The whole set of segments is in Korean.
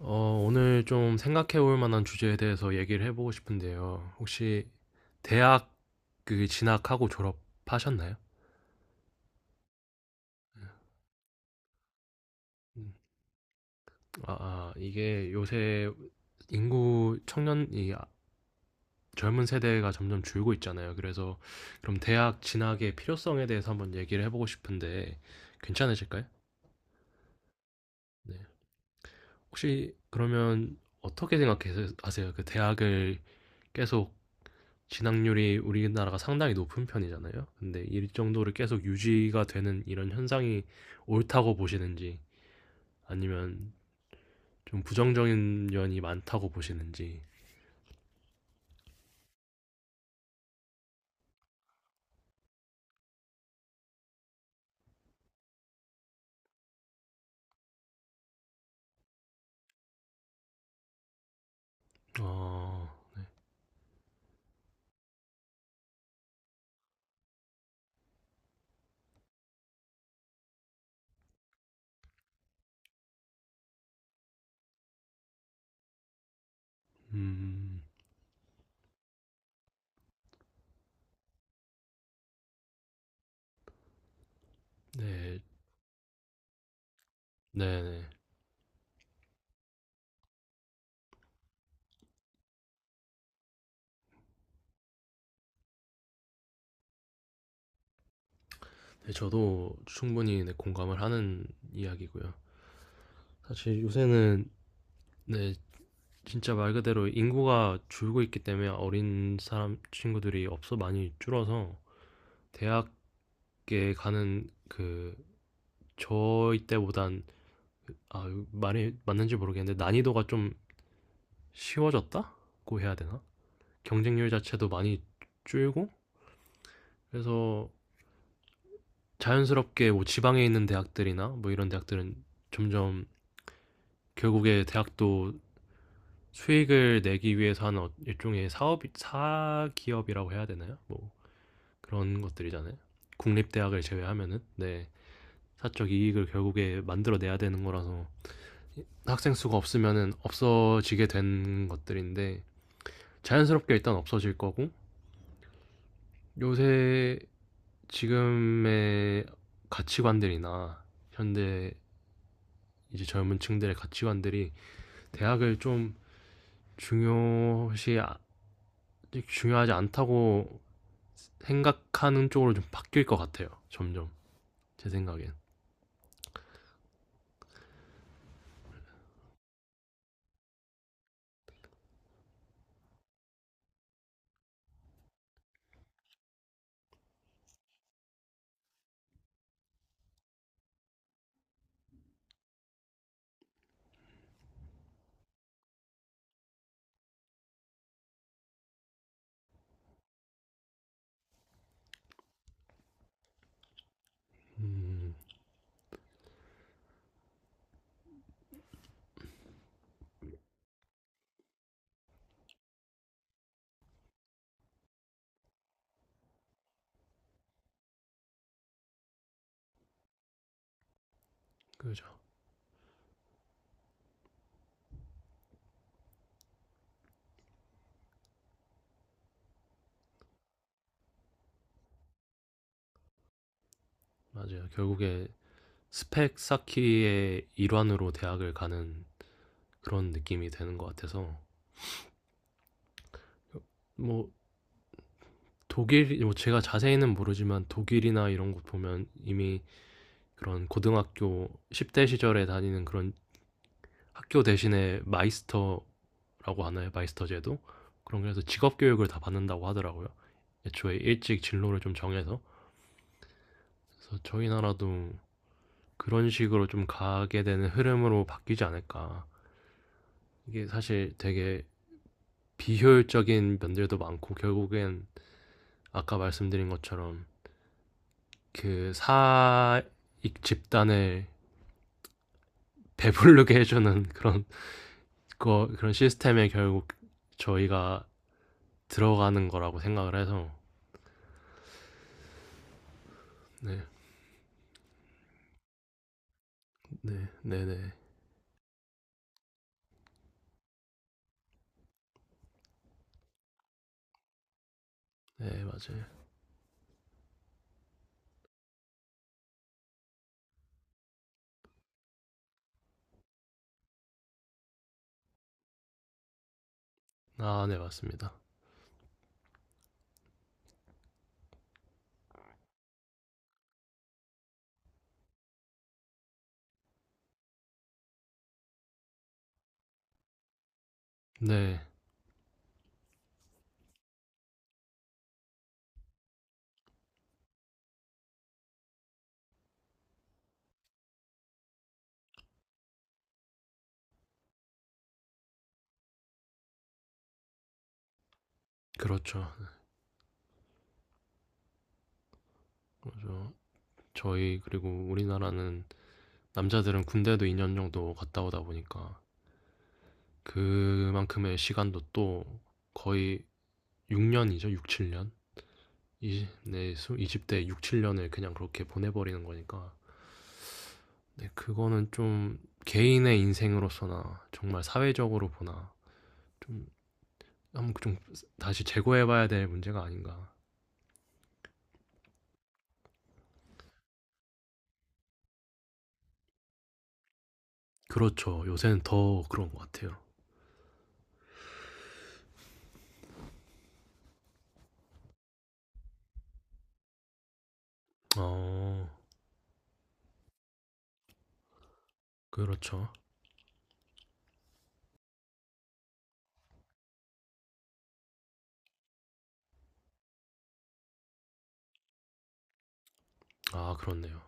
오늘 좀 생각해 볼 만한 주제에 대해서 얘기를 해보고 싶은데요. 혹시 대학 그 진학하고 졸업하셨나요? 음, 이게 요새 인구 청년, 젊은 세대가 점점 줄고 있잖아요. 그래서 그럼 대학 진학의 필요성에 대해서 한번 얘기를 해보고 싶은데 괜찮으실까요? 네. 혹시 그러면 어떻게 생각하세요? 그 대학을 계속 진학률이 우리나라가 상당히 높은 편이잖아요. 근데 이 정도를 계속 유지가 되는 이런 현상이 옳다고 보시는지 아니면 좀 부정적인 면이 많다고 보시는지. 어, 음, 네네. 네, 저도 충분히, 네, 공감을 하는 이야기고요. 사실 요새는, 네, 진짜 말 그대로 인구가 줄고 있기 때문에 어린 사람 친구들이 없어 많이 줄어서 대학에 가는 그 저희 때보단, 아, 말이 맞는지 모르겠는데 난이도가 좀 쉬워졌다고 해야 되나? 경쟁률 자체도 많이 줄고, 그래서 자연스럽게 뭐 지방에 있는 대학들이나 뭐 이런 대학들은 점점 결국에 대학도 수익을 내기 위해서 하는 일종의 사업 사기업이라고 해야 되나요? 뭐 그런 것들이잖아요. 국립대학을 제외하면은, 네, 사적 이익을 결국에 만들어내야 되는 거라서 학생 수가 없으면은 없어지게 된 것들인데 자연스럽게 일단 없어질 거고, 요새 지금의 가치관들이나 현대, 이제 젊은 층들의 가치관들이 대학을 좀 중요시 아- 중요하지 않다고 생각하는 쪽으로 좀 바뀔 것 같아요. 점점 제 생각엔. 그죠. 맞아요. 결국에 스펙 쌓기의 일환으로 대학을 가는 그런 느낌이 되는 것 같아서, 뭐 독일, 뭐 제가 자세히는 모르지만 독일이나 이런 곳 보면 이미 그런 고등학교 10대 시절에 다니는 그런 학교 대신에 마이스터라고 하나요? 마이스터 제도? 그런 그래서 직업 교육을 다 받는다고 하더라고요. 애초에 일찍 진로를 좀 정해서, 그래서 저희 나라도 그런 식으로 좀 가게 되는 흐름으로 바뀌지 않을까. 이게 사실 되게 비효율적인 면들도 많고, 결국엔 아까 말씀드린 것처럼 그 사익 집단을 배부르게 해주는 그런, 그런 시스템에 결국 저희가 들어가는 거라고 생각을 해서. 네, 네, 네. 네, 네 맞아요. 아, 네 맞습니다. 네, 그렇죠. 네, 그렇죠. 저희, 그리고 우리나라는 남자들은 군대도 2년 정도 갔다 오다 보니까 그만큼의 시간도 또 거의 6년이죠, 6, 7년. 네, 20대 6, 7년을 그냥 그렇게 보내버리는 거니까. 네, 그거는 좀 개인의 인생으로서나 정말 사회적으로 보나 좀 한번 좀 다시 재고해봐야 될 문제가 아닌가. 그렇죠. 요새는 더 그런 것 같아요. 어, 그렇죠. 아, 그렇네요.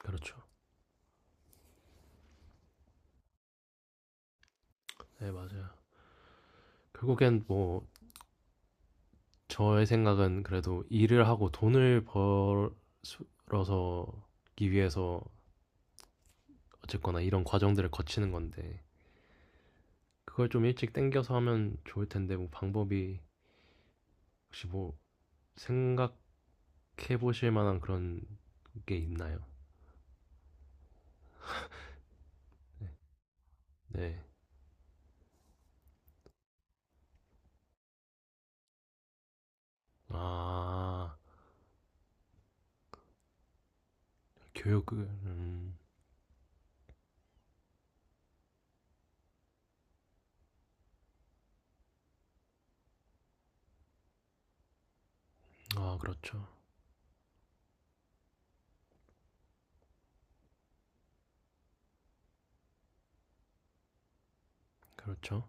그렇죠. 네, 맞아요. 결국엔 뭐 저의 생각은 그래도 일을 하고 돈을 벌어서기 위해서 어쨌거나 이런 과정들을 거치는 건데, 그걸 좀 일찍 땡겨서 하면 좋을 텐데, 뭐 방법이 혹시 뭐 생각해 보실 만한 그런 게 있나요? 네. 아. 교육을. 음. 아 그렇죠. 그렇죠.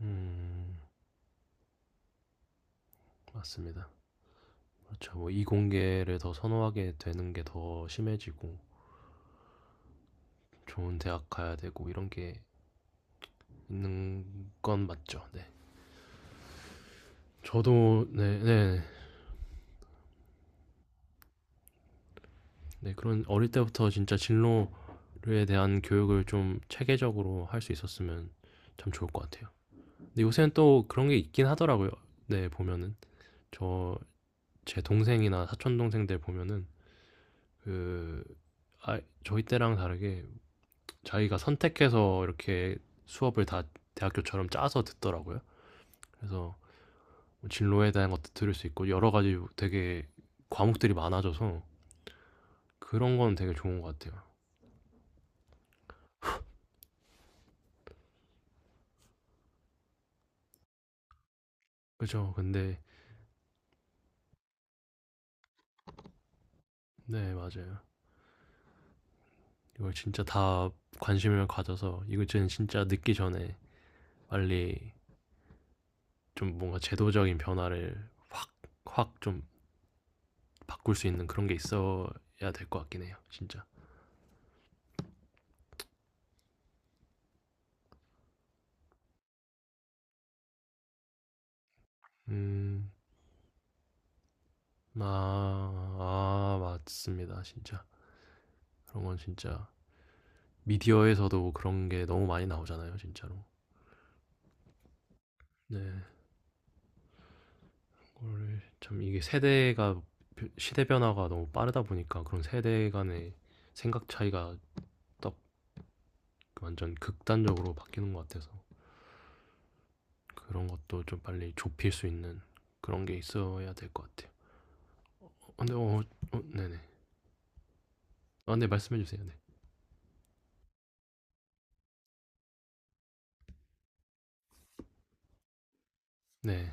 음. 맞습니다. 그렇죠. 뭐 이공계를 더 선호하게 되는 게 더 심해지고 좋은 대학 가야 되고 이런 게 있는 건 맞죠. 네. 저도. 네네, 네, 네. 네, 그런 어릴 때부터 진짜 진로에 대한 교육을 좀 체계적으로 할 수 있었으면 참 좋을 것 같아요. 근데 요새는 또 그런 게 있긴 하더라고요. 네, 보면은 저 제 동생이나 사촌 동생들 보면은 그, 저희 때랑 다르게 자기가 선택해서 이렇게 수업을 다 대학교처럼 짜서 듣더라고요. 그래서 뭐 진로에 대한 것도 들을 수 있고 여러 가지 되게 과목들이 많아져서 그런 건 되게 좋은 것 같아요. 그죠? 근데. 네, 맞아요. 이걸 진짜 다 관심을 가져서, 이거는 진짜 늦기 전에 빨리 좀 뭔가 제도적인 변화를 확, 확 좀 바꿀 수 있는 그런 게 있어야 될 것 같긴 해요. 진짜. 음, 아, 맞습니다. 진짜. 그런 건 진짜 미디어에서도 그런 게 너무 많이 나오잖아요, 진짜로. 네. 그걸 참, 이게 세대가, 시대 변화가 너무 빠르다 보니까 그런 세대 간의 생각 차이가 딱 완전 극단적으로 바뀌는 것 같아서 그런 것도 좀 빨리 좁힐 수 있는 그런 게 있어야 될 것 같아요. 근데, 네네. 아, 네, 말씀해 주세요. 네. 네.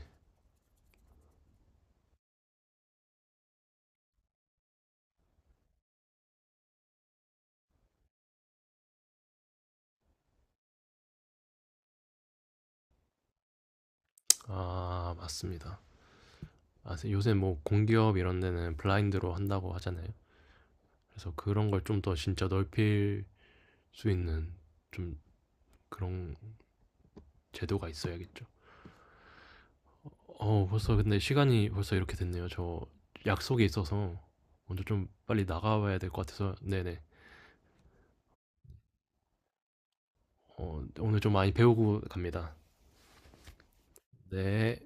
아, 맞습니다. 아, 요새 뭐 공기업 이런 데는 블라인드로 한다고 하잖아요. 그래서 그런 걸 좀 더 진짜 넓힐 수 있는 좀 그런 제도가 있어야겠죠. 벌써 근데 시간이 벌써 이렇게 됐네요. 저 약속이 있어서 먼저 좀 빨리 나가봐야 될 것 같아서. 네네. 오늘 좀 많이 배우고 갑니다. 네.